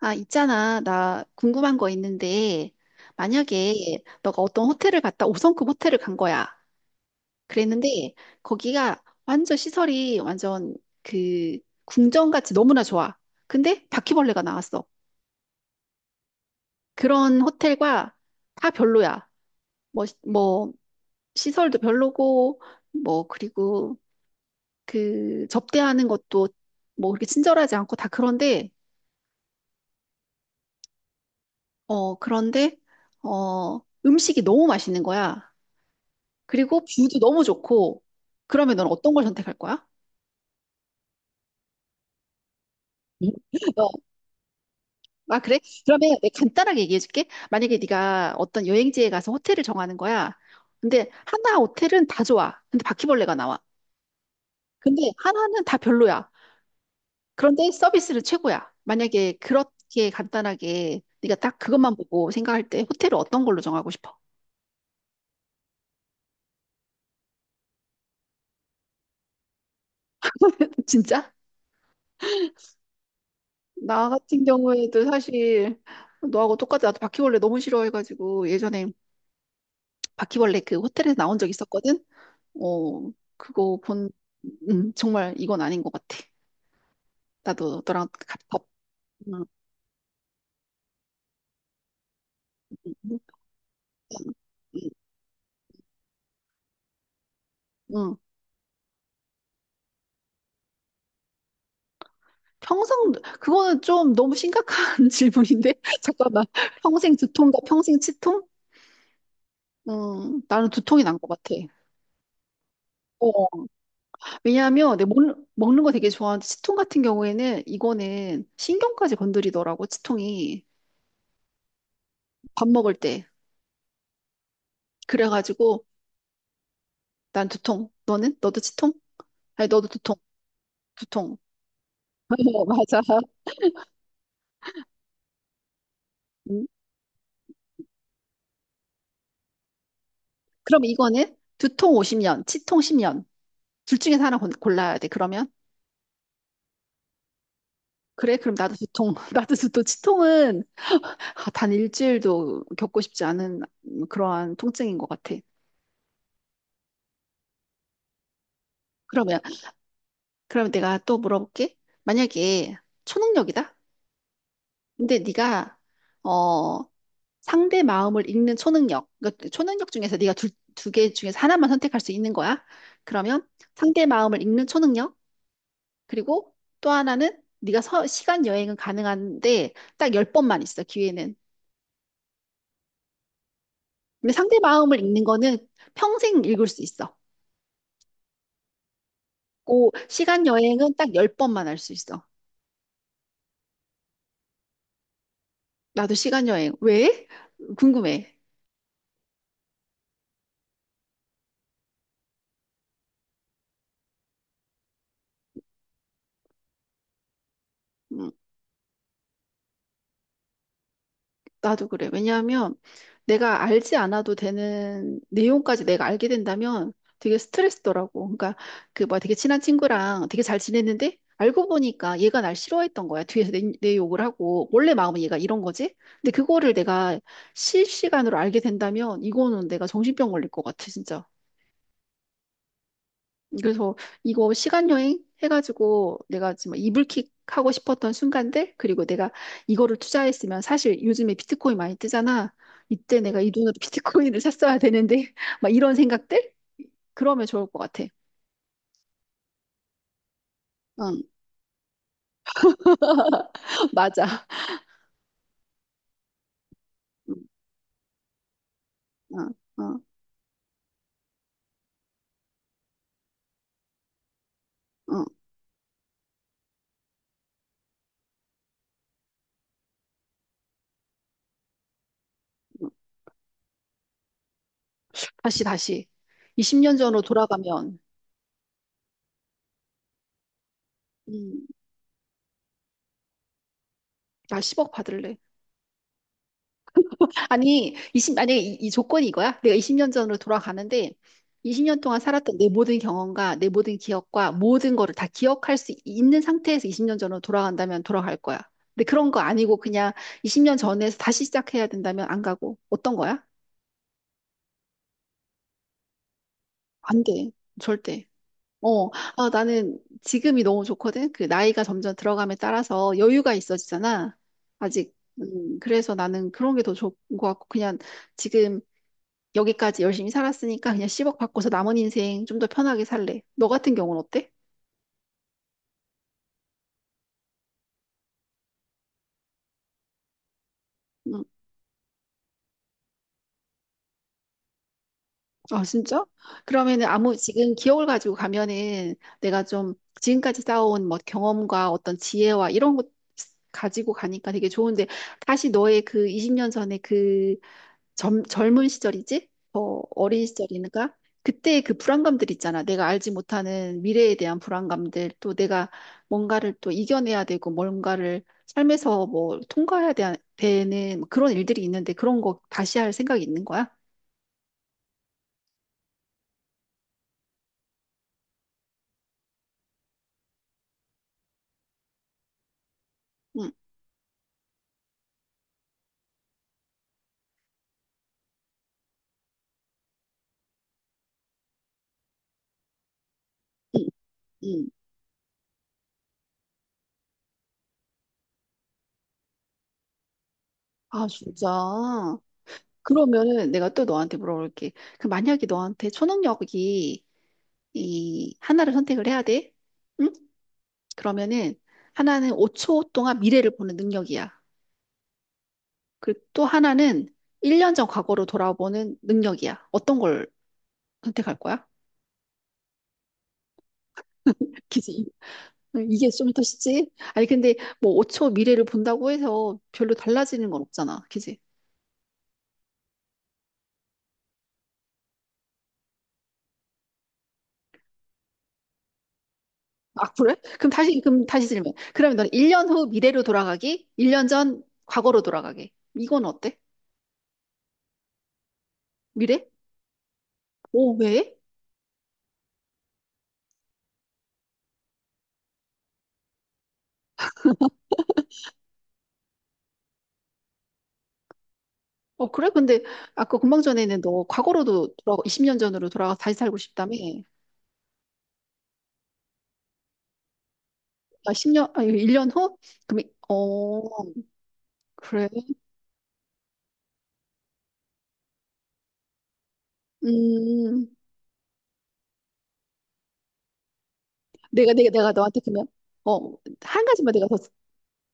아, 있잖아. 나 궁금한 거 있는데, 만약에 너가 어떤 호텔을 갔다 5성급 호텔을 간 거야. 그랬는데, 거기가 완전 시설이 완전 그 궁전같이 너무나 좋아. 근데 바퀴벌레가 나왔어. 그런 호텔과 다 별로야. 뭐, 뭐, 시설도 별로고, 뭐, 그리고 그 접대하는 것도 뭐 그렇게 친절하지 않고 다 그런데, 그런데, 어, 음식이 너무 맛있는 거야. 그리고 뷰도 너무 좋고, 그러면 넌 어떤 걸 선택할 거야? 응? 어, 아, 그래? 그러면 내가 간단하게 얘기해 줄게. 만약에 네가 어떤 여행지에 가서 호텔을 정하는 거야. 근데 하나 호텔은 다 좋아. 근데 바퀴벌레가 나와. 근데 하나는 다 별로야. 그런데 서비스는 최고야. 만약에 그렇게 간단하게 네가 딱 그것만 보고 생각할 때 호텔을 어떤 걸로 정하고 싶어? 진짜? 나 같은 경우에도 사실 너하고 똑같아. 나도 바퀴벌레 너무 싫어해가지고 예전에 바퀴벌레 그 호텔에서 나온 적 있었거든. 어, 그거 본, 정말 이건 아닌 것 같아. 나도 너랑 같이 덮, 응, 응, 응. 평생, 그거는 좀 너무 심각한 질문인데? 잠깐만. 평생 두통과 평생 치통? 나는 두통이 난 것 같아. 어, 왜냐하면 내가 먹는 거 되게 좋아하는데 치통 같은 경우에는 이거는 신경까지 건드리더라고 치통이 밥 먹을 때 그래가지고 난 두통 너는 너도 치통? 아니 너도 두통 두통. 맞아. 음. 그럼 이거는 두통 50년, 치통 10년. 둘 중에서 하나 골라야 돼. 그러면? 그래, 그럼 나도 두통. 나도 두통. 치통은 단 일주일도 겪고 싶지 않은 그러한 통증인 것 같아. 그러면, 그럼 내가 또 물어볼게. 만약에 초능력이다? 근데 네가 어, 상대 마음을 읽는 초능력. 그러니까 초능력 중에서 네가 두 개 중에서 하나만 선택할 수 있는 거야. 그러면 상대 마음을 읽는 초능력? 그리고 또 하나는 네가 시간 여행은 가능한데 딱 열번만 있어, 기회는. 근데 상대 마음을 읽는 거는 평생 읽을 수 있어. 고 시간 여행은 딱 열번만 할 수 있어. 나도 시간 여행. 왜? 궁금해. 음. 나도 그래. 왜냐하면 내가 알지 않아도 되는 내용까지 내가 알게 된다면 되게 스트레스더라고. 그러니까 그 뭐야 되게 친한 친구랑 되게 잘 지냈는데 알고 보니까 얘가 날 싫어했던 거야. 뒤에서 내 욕을 하고 원래 마음은 얘가 이런 거지. 근데 그거를 내가 실시간으로 알게 된다면 이거는 내가 정신병 걸릴 것 같아, 진짜. 그래서 이거 시간 여행 해가지고 내가 지금 이불킥 하고 싶었던 순간들 그리고 내가 이거를 투자했으면 사실 요즘에 비트코인 많이 뜨잖아. 이때 내가 이 돈으로 비트코인을 샀어야 되는데 막 이런 생각들 그러면 좋을 것 같아. 응, 맞아. 응, 응, 응, 응. 다시 다시 20년 전으로 돌아가면 음, 나 10억 받을래. 아니, 이십 만약에 이 조건이 이거야? 내가 20년 전으로 돌아가는데 20년 동안 살았던 내 모든 경험과 내 모든 기억과 모든 거를 다 기억할 수 있는 상태에서 20년 전으로 돌아간다면 돌아갈 거야. 근데 그런 거 아니고 그냥 20년 전에서 다시 시작해야 된다면 안 가고 어떤 거야? 안 돼. 절대. 어, 나는 지금이 너무 좋거든. 그 나이가 점점 들어감에 따라서 여유가 있어지잖아. 아직. 그래서 나는 그런 게 더 좋은 것 같고 그냥 지금 여기까지 열심히 살았으니까 그냥 10억 받고서 남은 인생 좀 더 편하게 살래. 너 같은 경우는 어때? 음. 아, 진짜? 그러면은 아무 지금 기억을 가지고 가면은 내가 좀 지금까지 쌓아온 뭐 경험과 어떤 지혜와 이런 것 가지고 가니까 되게 좋은데 다시 너의 그 20년 전에 그 젊은 시절이지? 어린 시절이니까 그때의 그 불안감들 있잖아. 내가 알지 못하는 미래에 대한 불안감들, 또 내가 뭔가를 또 이겨내야 되고 뭔가를 삶에서 뭐 통과해야 되는 그런 일들이 있는데 그런 거 다시 할 생각이 있는 거야? 응, 응, 응. 아, 진짜. 그러면은 내가 또 너한테 물어볼게. 그 만약에 너한테 초능력이 이 하나를 선택을 해야 돼? 응? 그러면은 하나는 5초 동안 미래를 보는 능력이야. 그리고 또 하나는 1년 전 과거로 돌아보는 능력이야. 어떤 걸 선택할 거야? 그치? 이게 좀 더 쉽지? 아니, 근데 뭐 5초 미래를 본다고 해서 별로 달라지는 건 없잖아. 그치? 아, 그래? 그럼 다시, 질문. 그러면 너는 1년 후 미래로 돌아가기, 1년 전 과거로 돌아가기. 이건 어때? 미래? 오, 왜? 어, 그래? 근데 아까 금방 전에는 너 과거로도 20년 전으로 돌아가서 다시 살고 싶다며. 아, 10년, 아니, 1년 후? 그럼, 어, 그래. 음, 내가 너한테 그러면, 어, 한 가지만 내가 더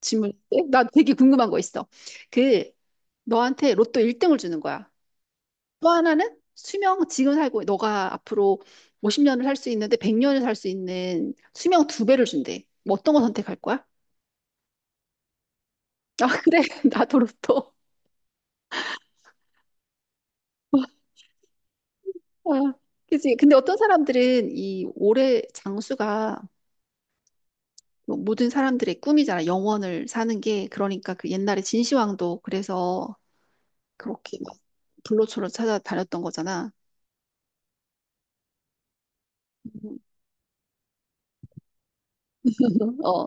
질문할게. 나 되게 궁금한 거 있어. 그, 너한테 로또 1등을 주는 거야. 또 하나는 수명 지금 살고 너가 앞으로 50년을 살 수 있는데 100년을 살 수 있는 수명 두 배를 준대. 뭐 어떤 거 선택할 거야? 아 그래 나도 로또. 아, 그치. 근데 어떤 사람들은 이 올해 장수가 뭐 모든 사람들의 꿈이잖아. 영원을 사는 게. 그러니까 그 옛날에 진시황도 그래서 그렇게 막 불로초로 찾아다녔던 거잖아. 어,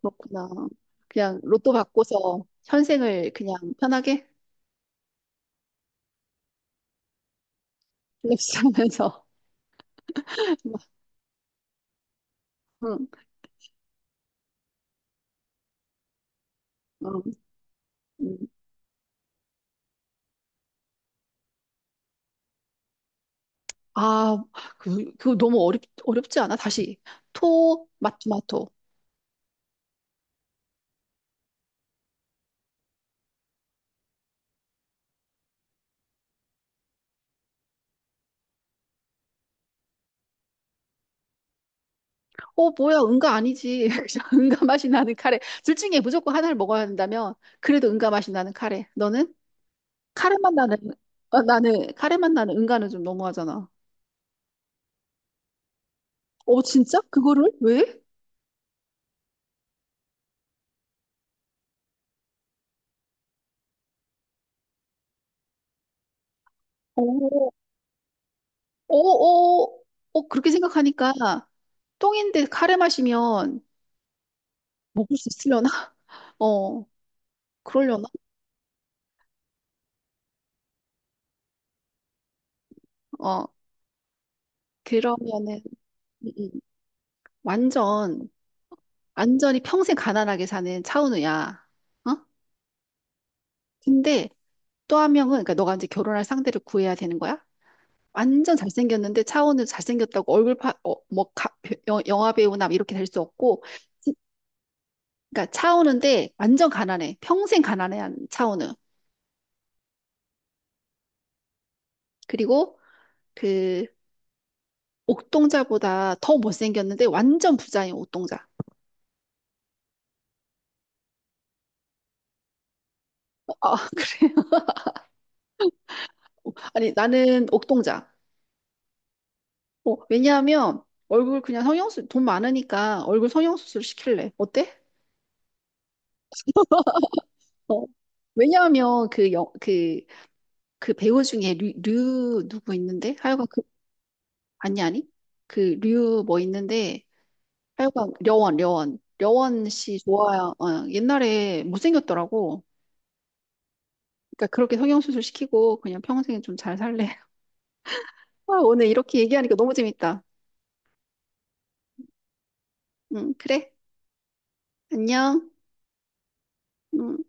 그렇구나. 그냥 로또 받고서 현생을 그냥 편하게 플렉스 하면서. 응, 응, 응. 아, 그, 그 너무 어렵지 않아? 다시. 토, 마토마토. 어, 뭐야, 응가 아니지. 그냥 응가 맛이 나는 카레. 둘 중에 무조건 하나를 먹어야 한다면, 그래도 응가 맛이 나는 카레. 너는? 카레 맛 나는, 나는, 카레 맛 나는 응가는 좀 너무하잖아. 어, 진짜? 그거를? 왜? 어, 어, 어, 어, 그렇게 생각하니까, 똥인데 카레 마시면 먹을 수 있으려나? 어, 그러려나? 어, 그러면은, 음, 음. 완전, 완전히 평생 가난하게 사는 차은우야. 어? 근데 또 한 명은, 그러니까 너가 이제 결혼할 상대를 구해야 되는 거야? 완전 잘생겼는데 차은우 잘생겼다고 얼굴 파, 어, 뭐, 가, 영화 배우나 이렇게 될 수 없고, 진- 그러니까 차은우인데 완전 가난해. 평생 가난해한 차은우. 그리고 그 옥동자보다 더 못생겼는데 완전 부자인 옥동자. 어, 아, 그래요? 아니, 나는 옥동자. 왜냐하면 얼굴 그냥 성형수 돈 많으니까 얼굴 성형수술 시킬래. 어때? 어. 왜냐하면 그 영, 그 배우 중에 류 누구 있는데? 하여간 그 아니 아니 그 류 뭐 있는데 하여간 려원 려원 려원 씨 좋아요. 어, 옛날에 못생겼더라고. 그러니까 그렇게 성형수술 시키고 그냥 평생 좀 잘 살래. 아, 오늘 이렇게 얘기하니까 너무 재밌다. 응, 그래. 안녕. 음.